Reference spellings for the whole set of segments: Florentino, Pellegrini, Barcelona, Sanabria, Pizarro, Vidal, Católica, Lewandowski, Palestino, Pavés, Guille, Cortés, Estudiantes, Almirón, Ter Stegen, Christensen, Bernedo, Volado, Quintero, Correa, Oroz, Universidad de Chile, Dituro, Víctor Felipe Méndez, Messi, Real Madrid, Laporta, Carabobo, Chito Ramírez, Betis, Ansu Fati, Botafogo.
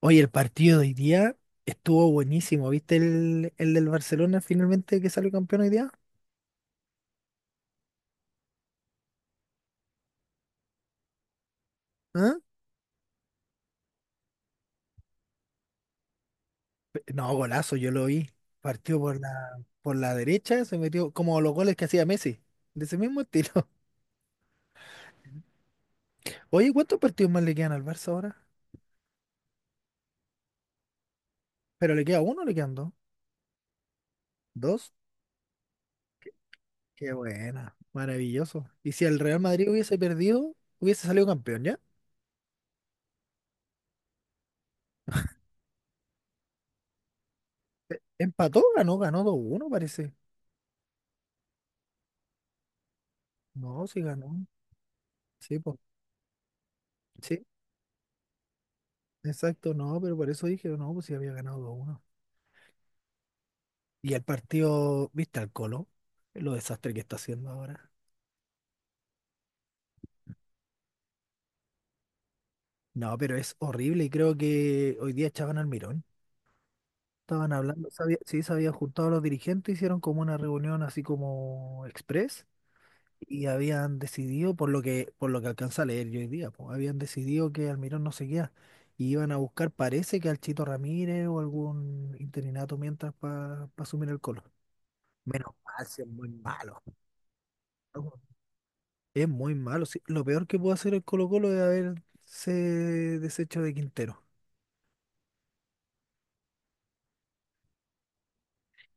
Oye, el partido de hoy día estuvo buenísimo. ¿Viste el del Barcelona finalmente que salió campeón hoy día? ¿Ah? No, golazo, yo lo vi. Partió por la derecha, se metió como los goles que hacía Messi, de ese mismo estilo. Oye, ¿cuántos partidos más le quedan al Barça ahora? ¿Pero le queda uno o le quedan dos? ¿Dos? Qué buena, maravilloso. Y si el Real Madrid hubiese perdido, hubiese salido campeón, ¿ya? ¿Empató? Ganó, ganó dos uno parece. No, sí ganó. Sí, pues. Exacto, no, pero por eso dije, no, pues si había ganado 2-1. Y el partido, ¿viste al Colo? Lo desastre que está haciendo ahora. No, pero es horrible y creo que hoy día echaban al Mirón. Estaban hablando, sí, se habían juntado los dirigentes, hicieron como una reunión así como express y habían decidido, por lo que alcanza a leer yo hoy día, pues, habían decidido que Almirón no seguía y iban a buscar, parece que al Chito Ramírez o algún interinato mientras para asumir el Colo. Menos mal, si es muy malo. Es muy malo, sí. Lo peor que pudo hacer el Colo-Colo es haberse deshecho de Quintero.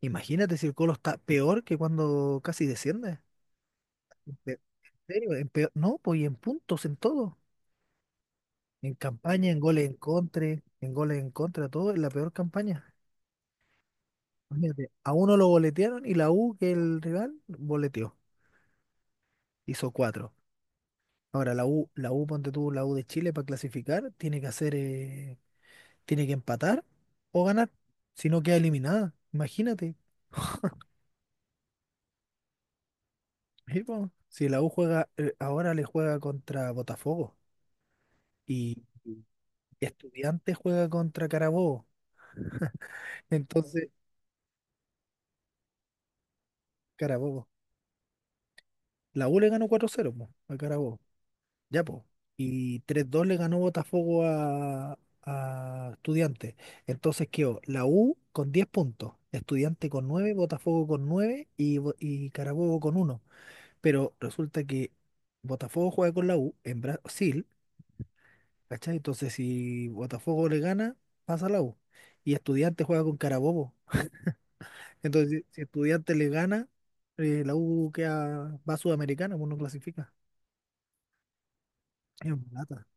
Imagínate si el Colo está peor que cuando casi desciende. ¿En serio? No, pues y en puntos, en todo. En campaña, en goles en contra, todo, en la peor campaña. Imagínate, a uno lo boletearon y la U, que el rival, boleteó. Hizo cuatro. Ahora la U, ponte tú, la U de Chile para clasificar, tiene que hacer, tiene que empatar o ganar. Si no queda eliminada, imagínate. Sí, po. Si la U juega, ahora le juega contra Botafogo y Estudiantes juega contra Carabobo. Entonces, Carabobo. La U le ganó cuatro cero po, a Carabobo. Ya, po. Y tres dos le ganó Botafogo a Estudiantes. Entonces quedó la U con 10 puntos, Estudiante con nueve, Botafogo con 9 y, y Carabobo con uno. Pero resulta que Botafogo juega con la U en Brasil. ¿Cachai? Entonces, si Botafogo le gana, pasa la U. Y Estudiantes juega con Carabobo. Entonces, si Estudiantes le gana, la U queda, va a Sudamericana, pues no clasifica. Es una lata.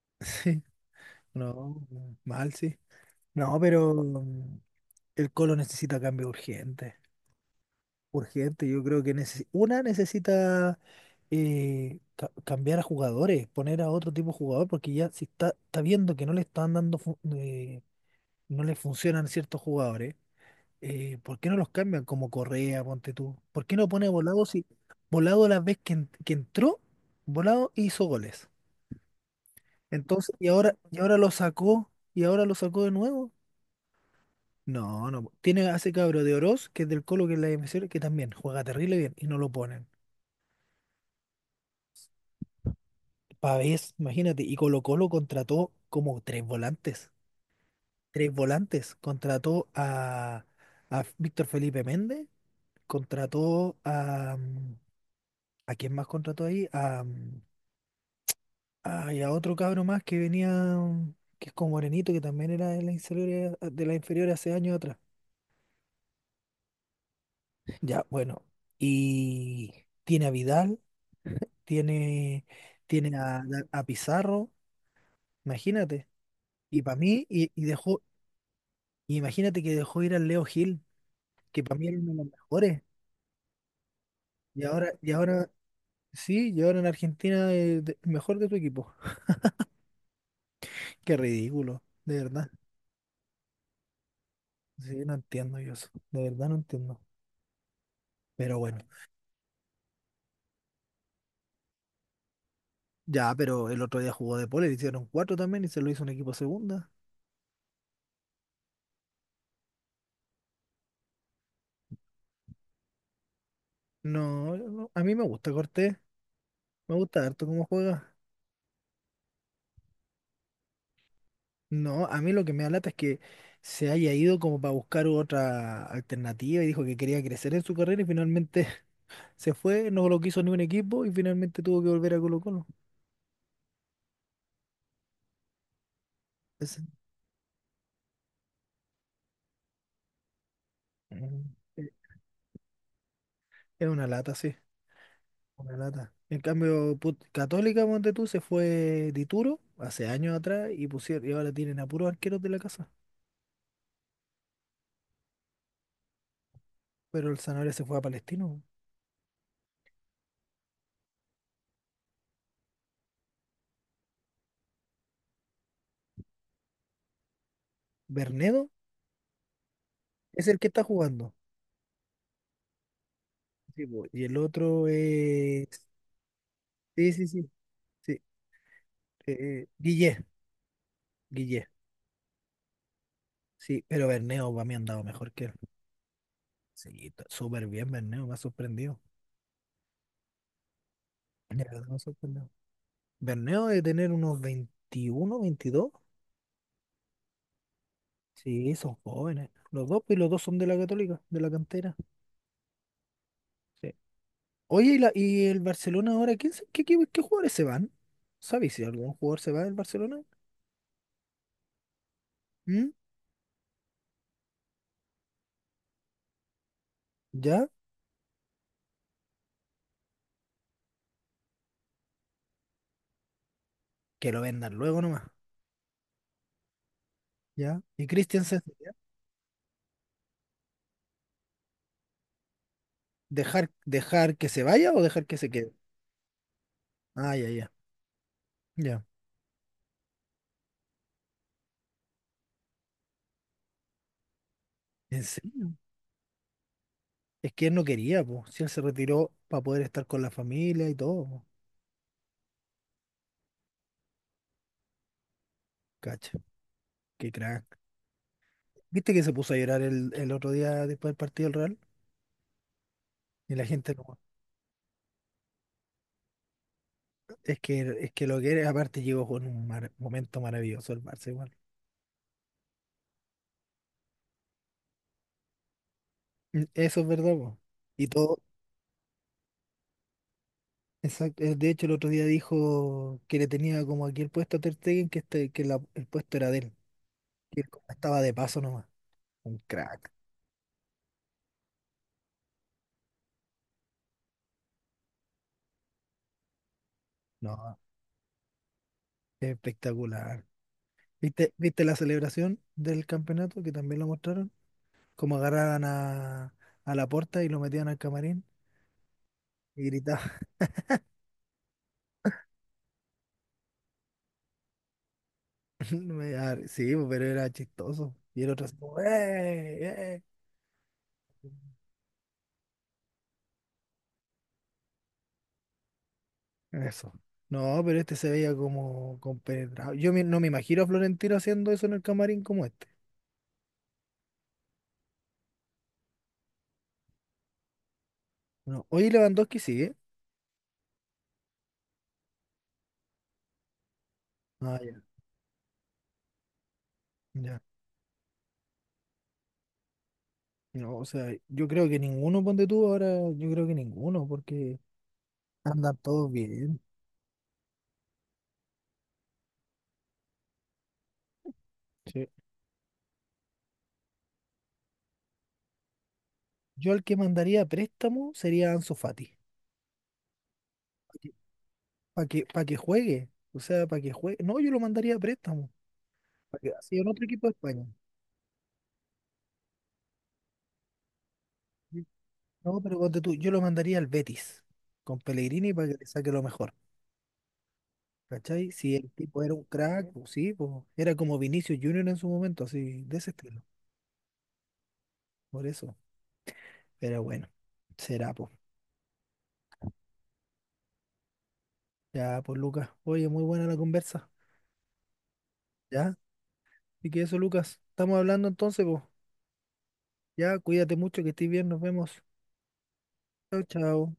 Sí, no, mal, sí. No, pero el Colo necesita cambio urgente. Urgente, yo creo que una necesita cambiar a jugadores, poner a otro tipo de jugador, porque ya si está, está viendo que no le están dando, no le funcionan ciertos jugadores. ¿Por qué no los cambian como Correa, ponte tú? ¿Por qué no pone a Volado si Volado la vez que entró, Volado hizo goles? Entonces, y ahora lo sacó, y ahora lo sacó de nuevo. No, no. Tiene a ese cabro de Oroz, que es del Colo, que es la MCR, que también juega terrible bien, y no lo ponen. Pavés, imagínate, y Colo Colo contrató como tres volantes. Tres volantes. Contrató a Víctor Felipe Méndez, contrató a... ¿A quién más contrató ahí? A, ah, y a otro cabro más que venía, que es como morenito, que también era de la inferior, ah, de la inferior hace años atrás. Ya, bueno. Y tiene a Vidal, tiene, tiene a Pizarro, imagínate. Y para mí, y dejó, y imagínate que dejó ir al Leo Gil, que para mí era uno de los mejores. Y ahora, sí, y ahora en Argentina mejor de tu equipo. Qué ridículo, de verdad. Sí, no entiendo yo eso, de verdad no entiendo. Pero bueno. Ya, pero el otro día jugó de pole, le hicieron cuatro también y se lo hizo un equipo segunda. No, no, a mí me gusta Cortés, me gusta harto cómo juega. No, a mí lo que me da lata es que se haya ido como para buscar otra alternativa y dijo que quería crecer en su carrera y finalmente se fue, no lo quiso ni un equipo y finalmente tuvo que volver a Colo-Colo. Es, Mm. Es una lata, sí, una lata. En cambio, Católica, ponte tú, se fue Dituro hace años atrás y pusieron, y ahora tienen a puros arqueros de la casa. Pero el Sanabria se fue a Palestino. Bernedo es el que está jugando. Sí, po. Y el otro es. Sí, sí, sí, sí. Guille. Guille. Sí, pero Bernedo para mí ha andado mejor que él. Sí, está súper bien, Bernedo. Me ha sorprendido. De verdad me ha sorprendido. Bernedo de tener unos 21 veintidós. Sí, son jóvenes. Los dos, pues, y los dos son de la Católica, de la cantera. Sí. Oye, ¿y, y el Barcelona ahora? ¿Quién, qué, qué jugadores se van? ¿Sabéis si algún jugador se va del Barcelona? ¿Mm? ¿Ya? Que lo vendan luego nomás. Ya. ¿Y Christensen sería? Dejar que se vaya o dejar que se quede? Ah, ya, ya. Ya. ¿En serio? Es que él no quería, pues. Si él se retiró para poder estar con la familia y todo, po. Cacha. Qué crack. ¿Viste que se puso a llorar el otro día después del partido del Real? Y la gente lo... es que lo que era, aparte llegó con un momento maravilloso el Barça igual. Eso es verdad, po. Y todo, exacto. De hecho, el otro día dijo que le tenía como aquí el puesto a Ter Stegen, que, este, el puesto era de él, que él como estaba de paso nomás. Un crack. No, espectacular. Viste la celebración del campeonato que también lo mostraron? Cómo agarraban a Laporta y lo metían al camarín y gritaban. Sí, pues, pero era chistoso. Y el otro así como, ¡eh! ¡Eh! Eso. No, pero este se veía como compenetrado. No me imagino a Florentino haciendo eso en el camarín como este. No. Oye, Lewandowski sigue. Ah, ya. Ya. No, o sea, yo creo que ninguno, ponte tú ahora, yo creo que ninguno, porque andan todos bien. Sí. Yo al que mandaría a préstamo sería a Ansu Fati. Para que juegue. O sea, para que juegue. No, yo lo mandaría a préstamo. Para que así en otro equipo de España. Sí. No, pero ponte tú, yo lo mandaría al Betis. Con Pellegrini para que le saque lo mejor. ¿Cachai? Si el tipo era un crack, pues sí, pues, era como Vinicius Junior en su momento, así, de ese estilo. Por eso. Pero bueno, será, pues. Ya, pues, Lucas. Oye, muy buena la conversa. ¿Ya? Y que eso, Lucas. Estamos hablando entonces, pues. Ya, cuídate mucho, que estés bien, nos vemos. Chao, chao.